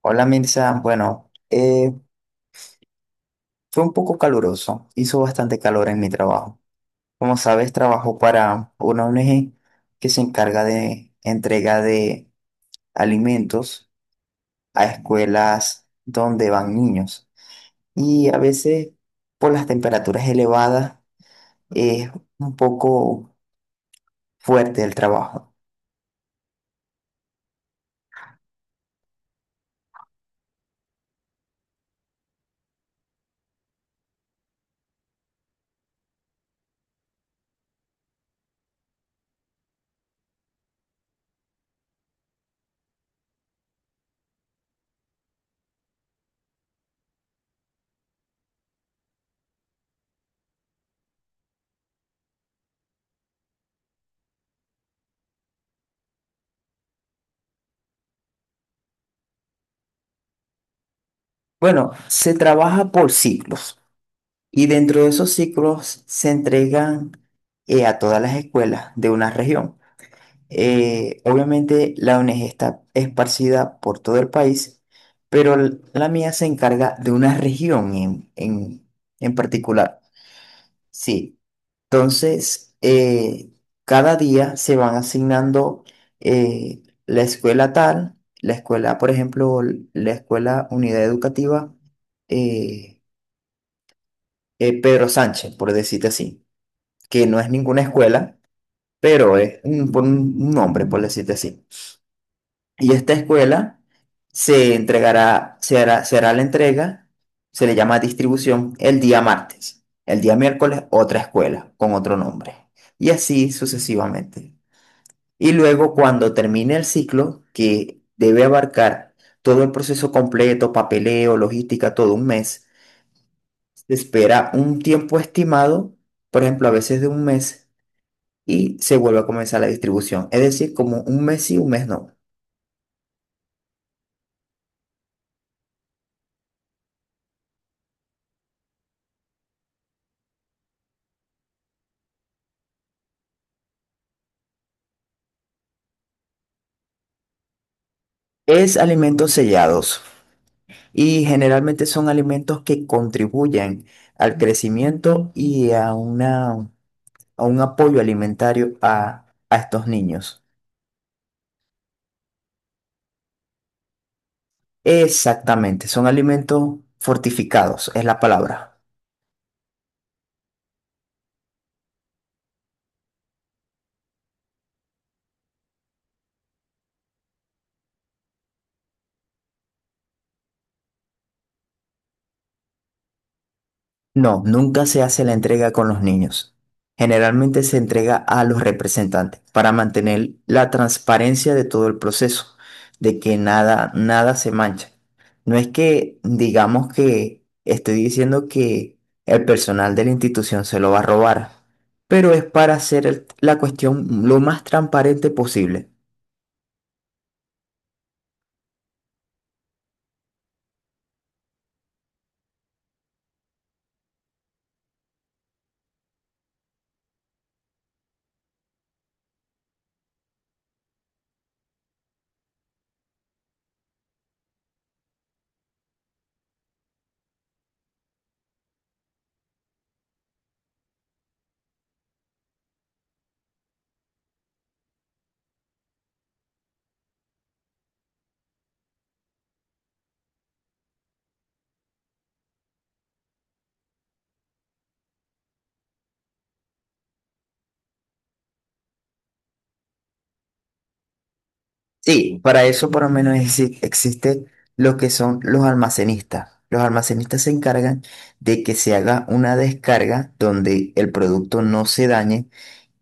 Hola Mirza, bueno, fue un poco caluroso, hizo bastante calor en mi trabajo. Como sabes, trabajo para una ONG que se encarga de entrega de alimentos a escuelas donde van niños. Y a veces, por las temperaturas elevadas, es un poco fuerte el trabajo. Bueno, se trabaja por ciclos y dentro de esos ciclos se entregan a todas las escuelas de una región. Obviamente la ONG está esparcida por todo el país, pero la mía se encarga de una región en particular. Sí, entonces cada día se van asignando la escuela tal, la escuela, por ejemplo, la escuela Unidad Educativa eh, Pedro Sánchez, por decirte así, que no es ninguna escuela, pero es un, por un nombre, por decirte así. Y esta escuela se entregará, se hará la entrega, se le llama distribución el día martes. El día miércoles, otra escuela con otro nombre. Y así sucesivamente. Y luego, cuando termine el ciclo, que debe abarcar todo el proceso completo, papeleo, logística, todo un mes, se espera un tiempo estimado, por ejemplo, a veces de un mes, y se vuelve a comenzar la distribución. Es decir, como un mes y un mes no. Es alimentos sellados. Y generalmente son alimentos que contribuyen al crecimiento y a un apoyo alimentario a estos niños. Exactamente, son alimentos fortificados, es la palabra. No, nunca se hace la entrega con los niños. Generalmente se entrega a los representantes para mantener la transparencia de todo el proceso, de que nada se mancha. No es que digamos que estoy diciendo que el personal de la institución se lo va a robar, pero es para hacer la cuestión lo más transparente posible. Sí, para eso por lo menos existe lo que son los almacenistas. Los almacenistas se encargan de que se haga una descarga donde el producto no se dañe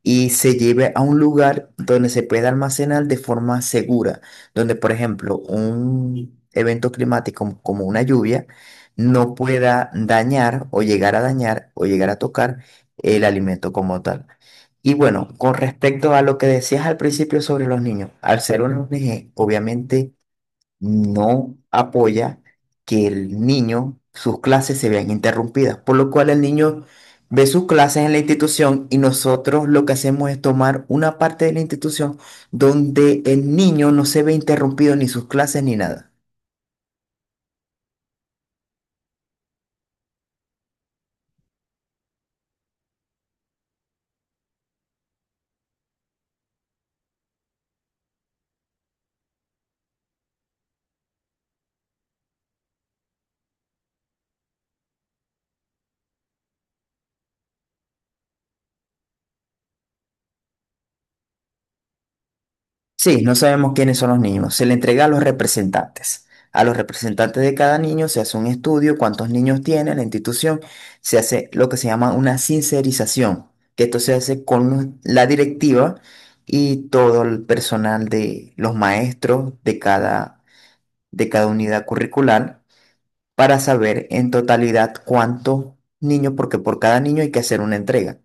y se lleve a un lugar donde se pueda almacenar de forma segura, donde, por ejemplo, un evento climático como una lluvia no pueda dañar o llegar a dañar o llegar a tocar el alimento como tal. Y bueno, con respecto a lo que decías al principio sobre los niños, al ser una ONG, obviamente no apoya que el niño, sus clases se vean interrumpidas, por lo cual el niño ve sus clases en la institución y nosotros lo que hacemos es tomar una parte de la institución donde el niño no se ve interrumpido ni sus clases ni nada. Sí, no sabemos quiénes son los niños. Se le entrega a los representantes. A los representantes de cada niño se hace un estudio, cuántos niños tiene la institución, se hace lo que se llama una sincerización, que esto se hace con la directiva y todo el personal de los maestros de de cada unidad curricular para saber en totalidad cuántos niños, porque por cada niño hay que hacer una entrega.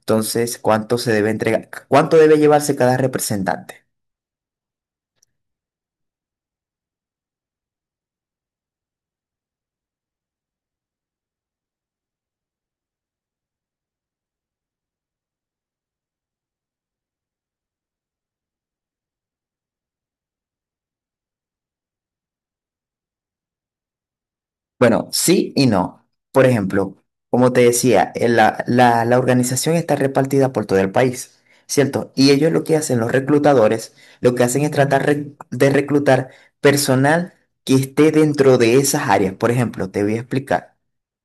Entonces, cuánto se debe entregar, cuánto debe llevarse cada representante. Bueno, sí y no. Por ejemplo, como te decía, la organización está repartida por todo el país, ¿cierto? Y ellos lo que hacen, los reclutadores, lo que hacen es tratar de reclutar personal que esté dentro de esas áreas. Por ejemplo, te voy a explicar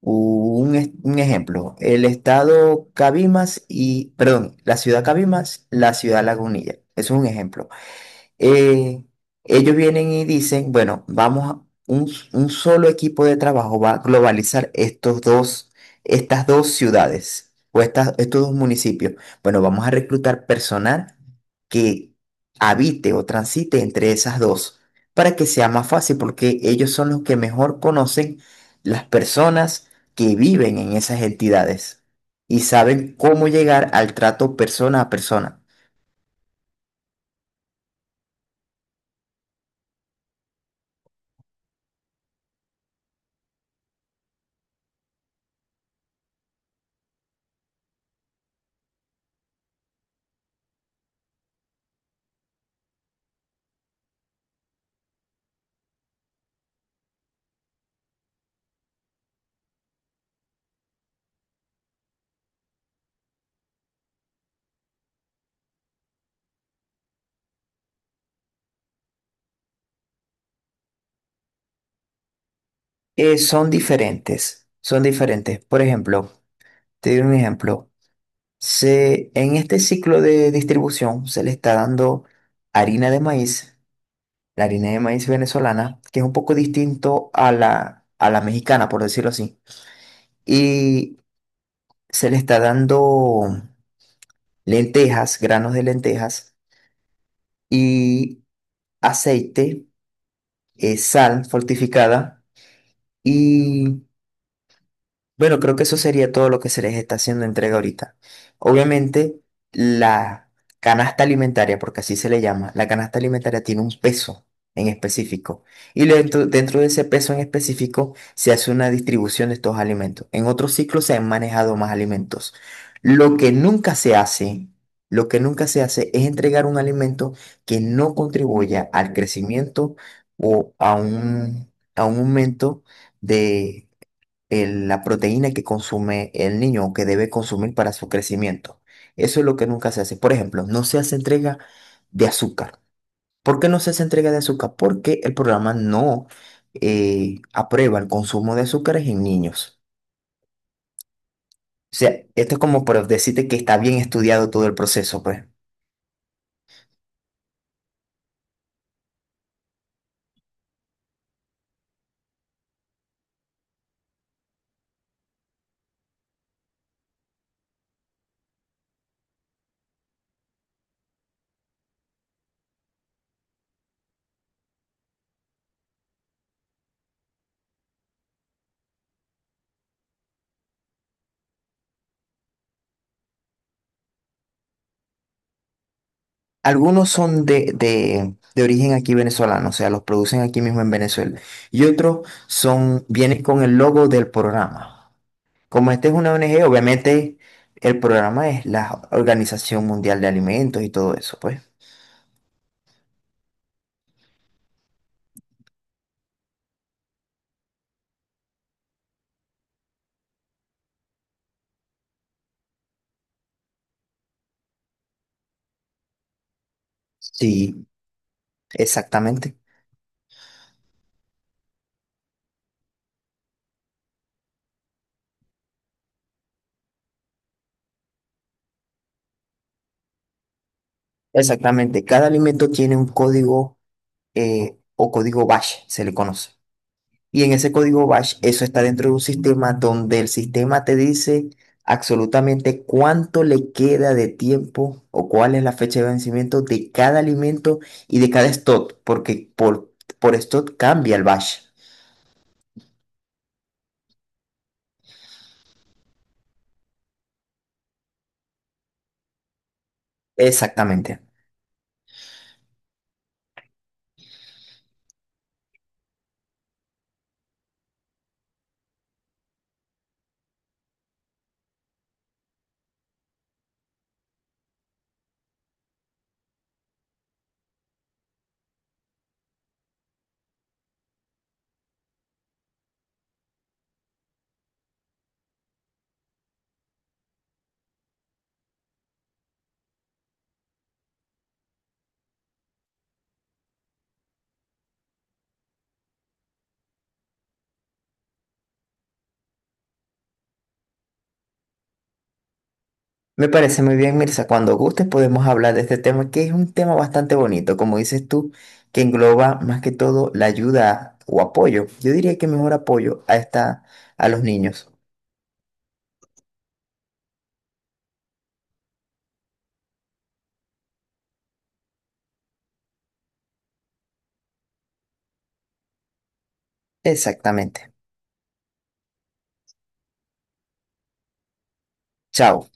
un ejemplo. El estado Cabimas y, perdón, la ciudad Cabimas, la ciudad Lagunilla. Eso es un ejemplo eh, ellos vienen y dicen, bueno, vamos a un, s- un solo equipo de trabajo va a globalizar estas dos ciudades o estos dos municipios. Bueno, vamos a reclutar personal que habite o transite entre esas dos para que sea más fácil, porque ellos son los que mejor conocen las personas que viven en esas entidades y saben cómo llegar al trato persona a persona. Son diferentes, son diferentes. Por ejemplo, te doy un ejemplo. Se, en este ciclo de distribución se le está dando harina de maíz, la harina de maíz venezolana, que es un poco distinto a a la mexicana, por decirlo así. Y se le está dando lentejas, granos de lentejas y aceite, sal fortificada y bueno, creo que eso sería todo lo que se les está haciendo entrega ahorita. Obviamente, la canasta alimentaria, porque así se le llama, la canasta alimentaria tiene un peso en específico. Y dentro de ese peso en específico se hace una distribución de estos alimentos. En otros ciclos se han manejado más alimentos. Lo que nunca se hace, lo que nunca se hace es entregar un alimento que no contribuya al crecimiento o a un aumento de la proteína que consume el niño o que debe consumir para su crecimiento. Eso es lo que nunca se hace. Por ejemplo, no se hace entrega de azúcar. ¿Por qué no se hace entrega de azúcar? Porque el programa no aprueba el consumo de azúcares en niños. O sea, esto es como para decirte que está bien estudiado todo el proceso, pues. Algunos son de origen aquí venezolano, o sea, los producen aquí mismo en Venezuela. Y otros son, vienen con el logo del programa. Como esta es una ONG, obviamente el programa es la Organización Mundial de Alimentos y todo eso, pues. Sí, exactamente. Exactamente. Cada alimento tiene un código o código BASH, se le conoce. Y en ese código BASH, eso está dentro de un sistema donde el sistema te dice absolutamente cuánto le queda de tiempo o cuál es la fecha de vencimiento de cada alimento y de cada stock, porque por stock cambia el BASH. Exactamente. Me parece muy bien, Mirza. Cuando gustes podemos hablar de este tema, que es un tema bastante bonito, como dices tú, que engloba más que todo la ayuda o apoyo. Yo diría que mejor apoyo a esta, a los niños. Exactamente. Chao.